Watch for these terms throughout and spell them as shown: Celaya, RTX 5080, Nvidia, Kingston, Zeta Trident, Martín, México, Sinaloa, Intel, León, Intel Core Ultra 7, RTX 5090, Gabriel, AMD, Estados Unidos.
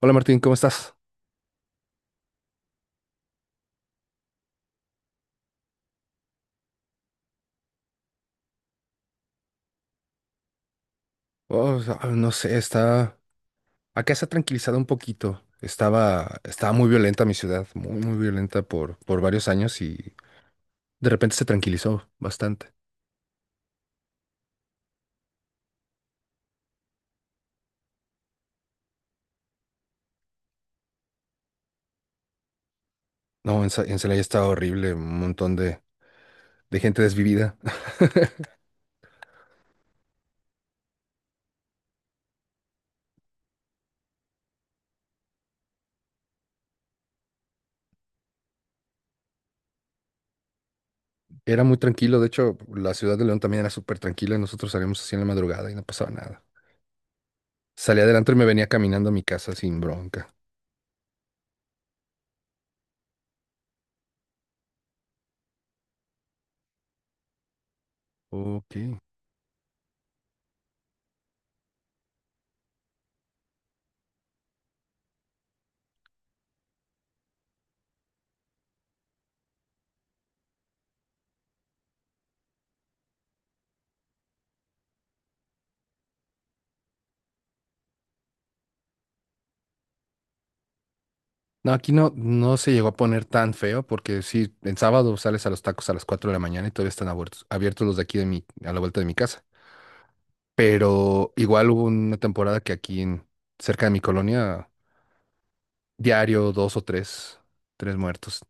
Hola Martín, ¿cómo estás? Oh, ah, no sé, está. Acá se ha tranquilizado un poquito. Estaba muy violenta mi ciudad, muy, muy violenta por varios años y de repente se tranquilizó bastante. No, en Celaya estaba horrible, un montón de gente desvivida. Era muy tranquilo, de hecho, la ciudad de León también era súper tranquila. Nosotros salíamos así en la madrugada y no pasaba nada. Salía adelante y me venía caminando a mi casa sin bronca. Ok. No, aquí no se llegó a poner tan feo porque sí, en sábado sales a los tacos a las 4 de la mañana y todavía están abiertos los de aquí a la vuelta de mi casa. Pero igual hubo una temporada que aquí cerca de mi colonia, diario dos o tres muertos.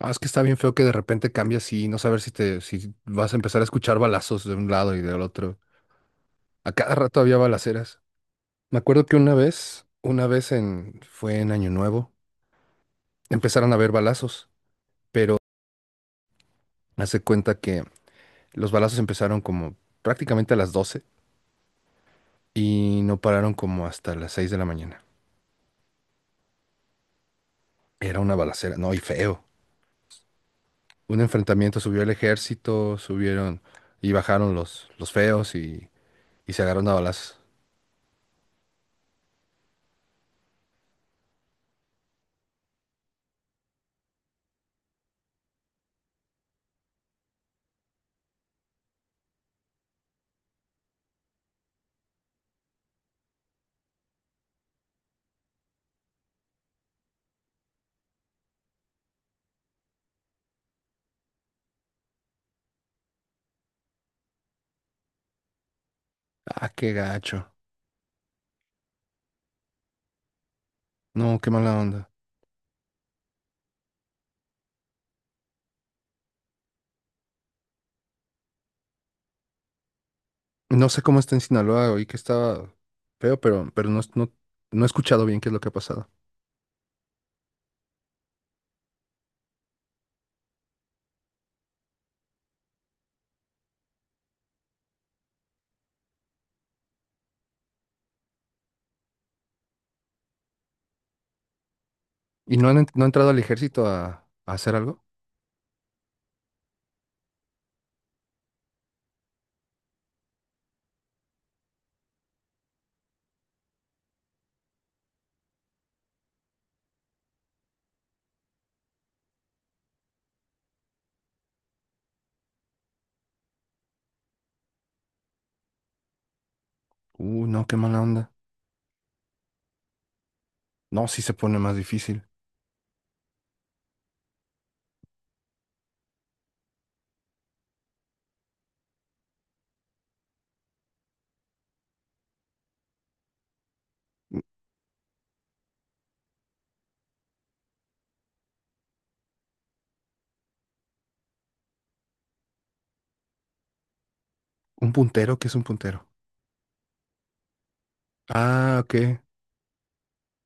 Ah, es que está bien feo que de repente cambias y no saber si vas a empezar a escuchar balazos de un lado y del otro. A cada rato había balaceras. Me acuerdo que una vez fue en Año Nuevo, empezaron a haber balazos, pero hace cuenta que los balazos empezaron como prácticamente a las 12 y no pararon como hasta las 6 de la mañana. Era una balacera, no, y feo. Un enfrentamiento, subió el ejército, subieron y bajaron los feos y se agarraron a balazos. Ah, qué gacho. No, qué mala onda. No sé cómo está en Sinaloa, oí que estaba feo, pero no, no, no he escuchado bien qué es lo que ha pasado. ¿Y no ha entrado al ejército a hacer algo? No, qué mala onda. No, sí se pone más difícil. ¿Un puntero? ¿Qué es un puntero? Ah, ok.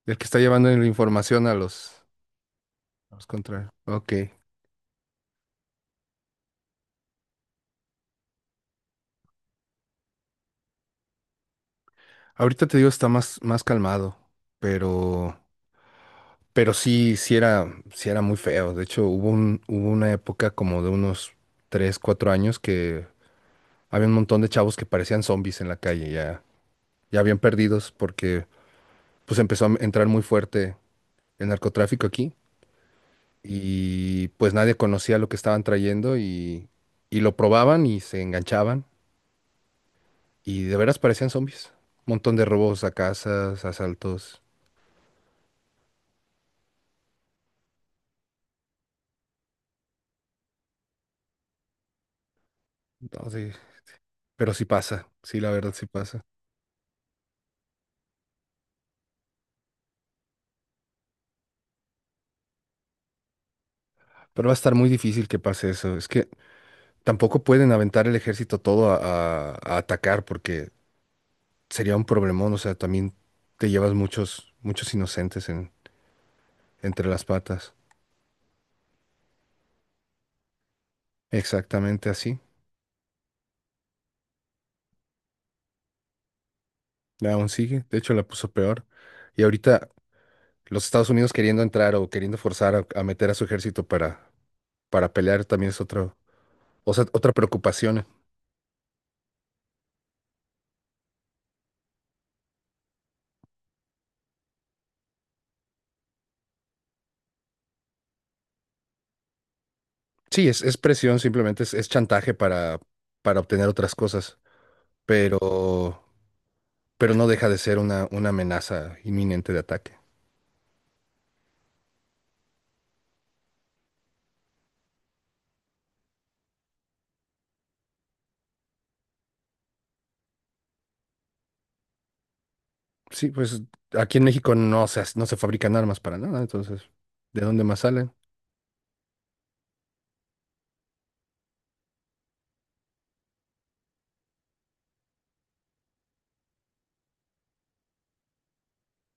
El que está llevando la información a los contrarios. Ok. Ahorita te digo, está más calmado, pero, pero sí, sí era muy feo. De hecho, hubo una época como de unos 3, 4 años que había un montón de chavos que parecían zombies en la calle, ya bien perdidos, porque pues empezó a entrar muy fuerte el narcotráfico aquí y pues nadie conocía lo que estaban trayendo y lo probaban y se enganchaban. Y de veras parecían zombies. Un montón de robos a casas, asaltos. No, sí. Pero sí pasa. Sí, la verdad sí pasa. Pero va a estar muy difícil que pase eso. Es que tampoco pueden aventar el ejército todo a, a atacar porque sería un problemón. O sea, también te llevas muchos, muchos inocentes entre las patas. Exactamente así. Aún sigue. De hecho, la puso peor. Y ahorita los Estados Unidos queriendo entrar o queriendo forzar a, meter a su ejército para pelear también es otro, o sea, otra preocupación. Sí, es presión, simplemente es chantaje para obtener otras cosas, pero, pero no deja de ser una amenaza inminente de ataque. Sí, pues aquí en México no se fabrican armas para nada, entonces, ¿de dónde más salen?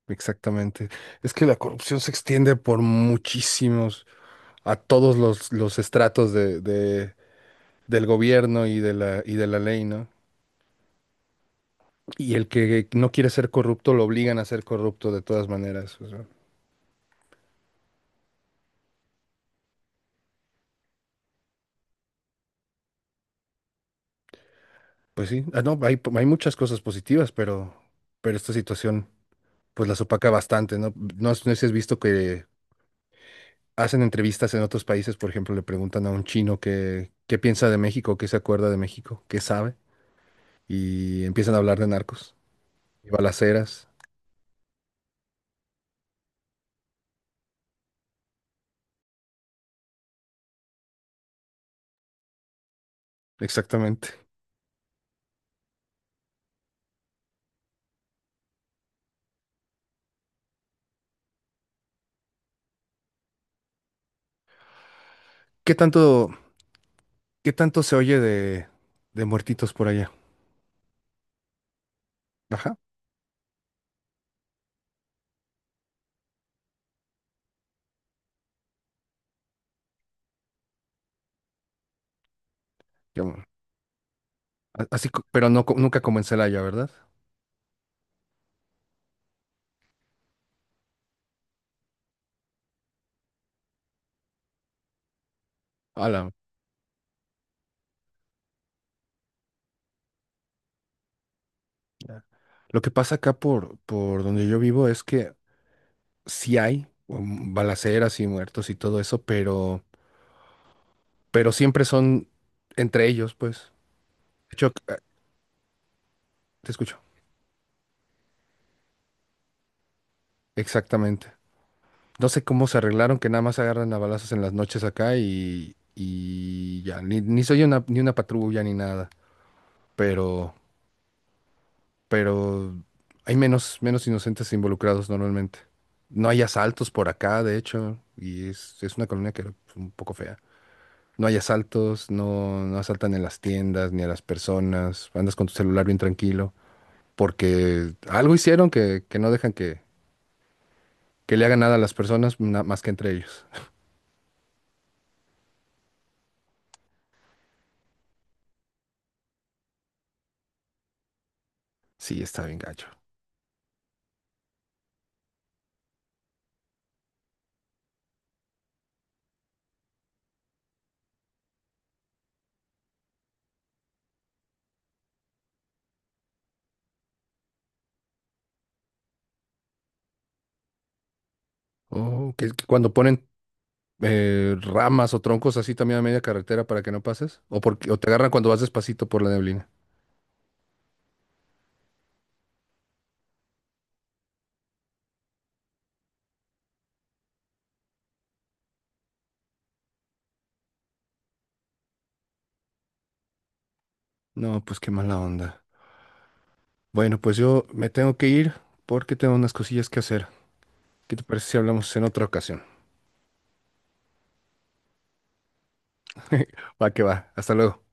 Exactamente. Es que la corrupción se extiende por a todos los estratos del gobierno y de la ley, ¿no? Y el que no quiere ser corrupto lo obligan a ser corrupto de todas maneras. Pues sí, ah, no, hay muchas cosas positivas, pero esta situación pues las opaca bastante, ¿no? No sé si has visto que hacen entrevistas en otros países, por ejemplo, le preguntan a un chino qué piensa de México, qué se acuerda de México, qué sabe, y empiezan a hablar de narcos y balaceras. Exactamente. ¿Qué tanto, qué tanto se oye de muertitos por allá? Ajá, ya, bueno, así, pero no, nunca comencé en Celaya, ¿verdad? Ala. Ya. Lo que pasa acá por donde yo vivo es que sí hay balaceras y muertos y todo eso, pero siempre son entre ellos, pues. De hecho, te escucho. Exactamente. No sé cómo se arreglaron que nada más agarran a balazos en las noches acá y ya, ni soy una, ni una patrulla ni nada, pero, pero hay menos inocentes involucrados normalmente. No hay asaltos por acá, de hecho, y es una colonia que es un poco fea. No hay asaltos, no, no asaltan en las tiendas ni a las personas, andas con tu celular bien tranquilo, porque algo hicieron que no dejan que le hagan nada a las personas más que entre ellos. Sí, está bien gacho. Oh, que cuando ponen ramas o troncos así también a media carretera para que no pases, o te agarran cuando vas despacito por la neblina. No, pues qué mala onda. Bueno, pues yo me tengo que ir porque tengo unas cosillas que hacer. ¿Qué te parece si hablamos en otra ocasión? Va que va, hasta luego.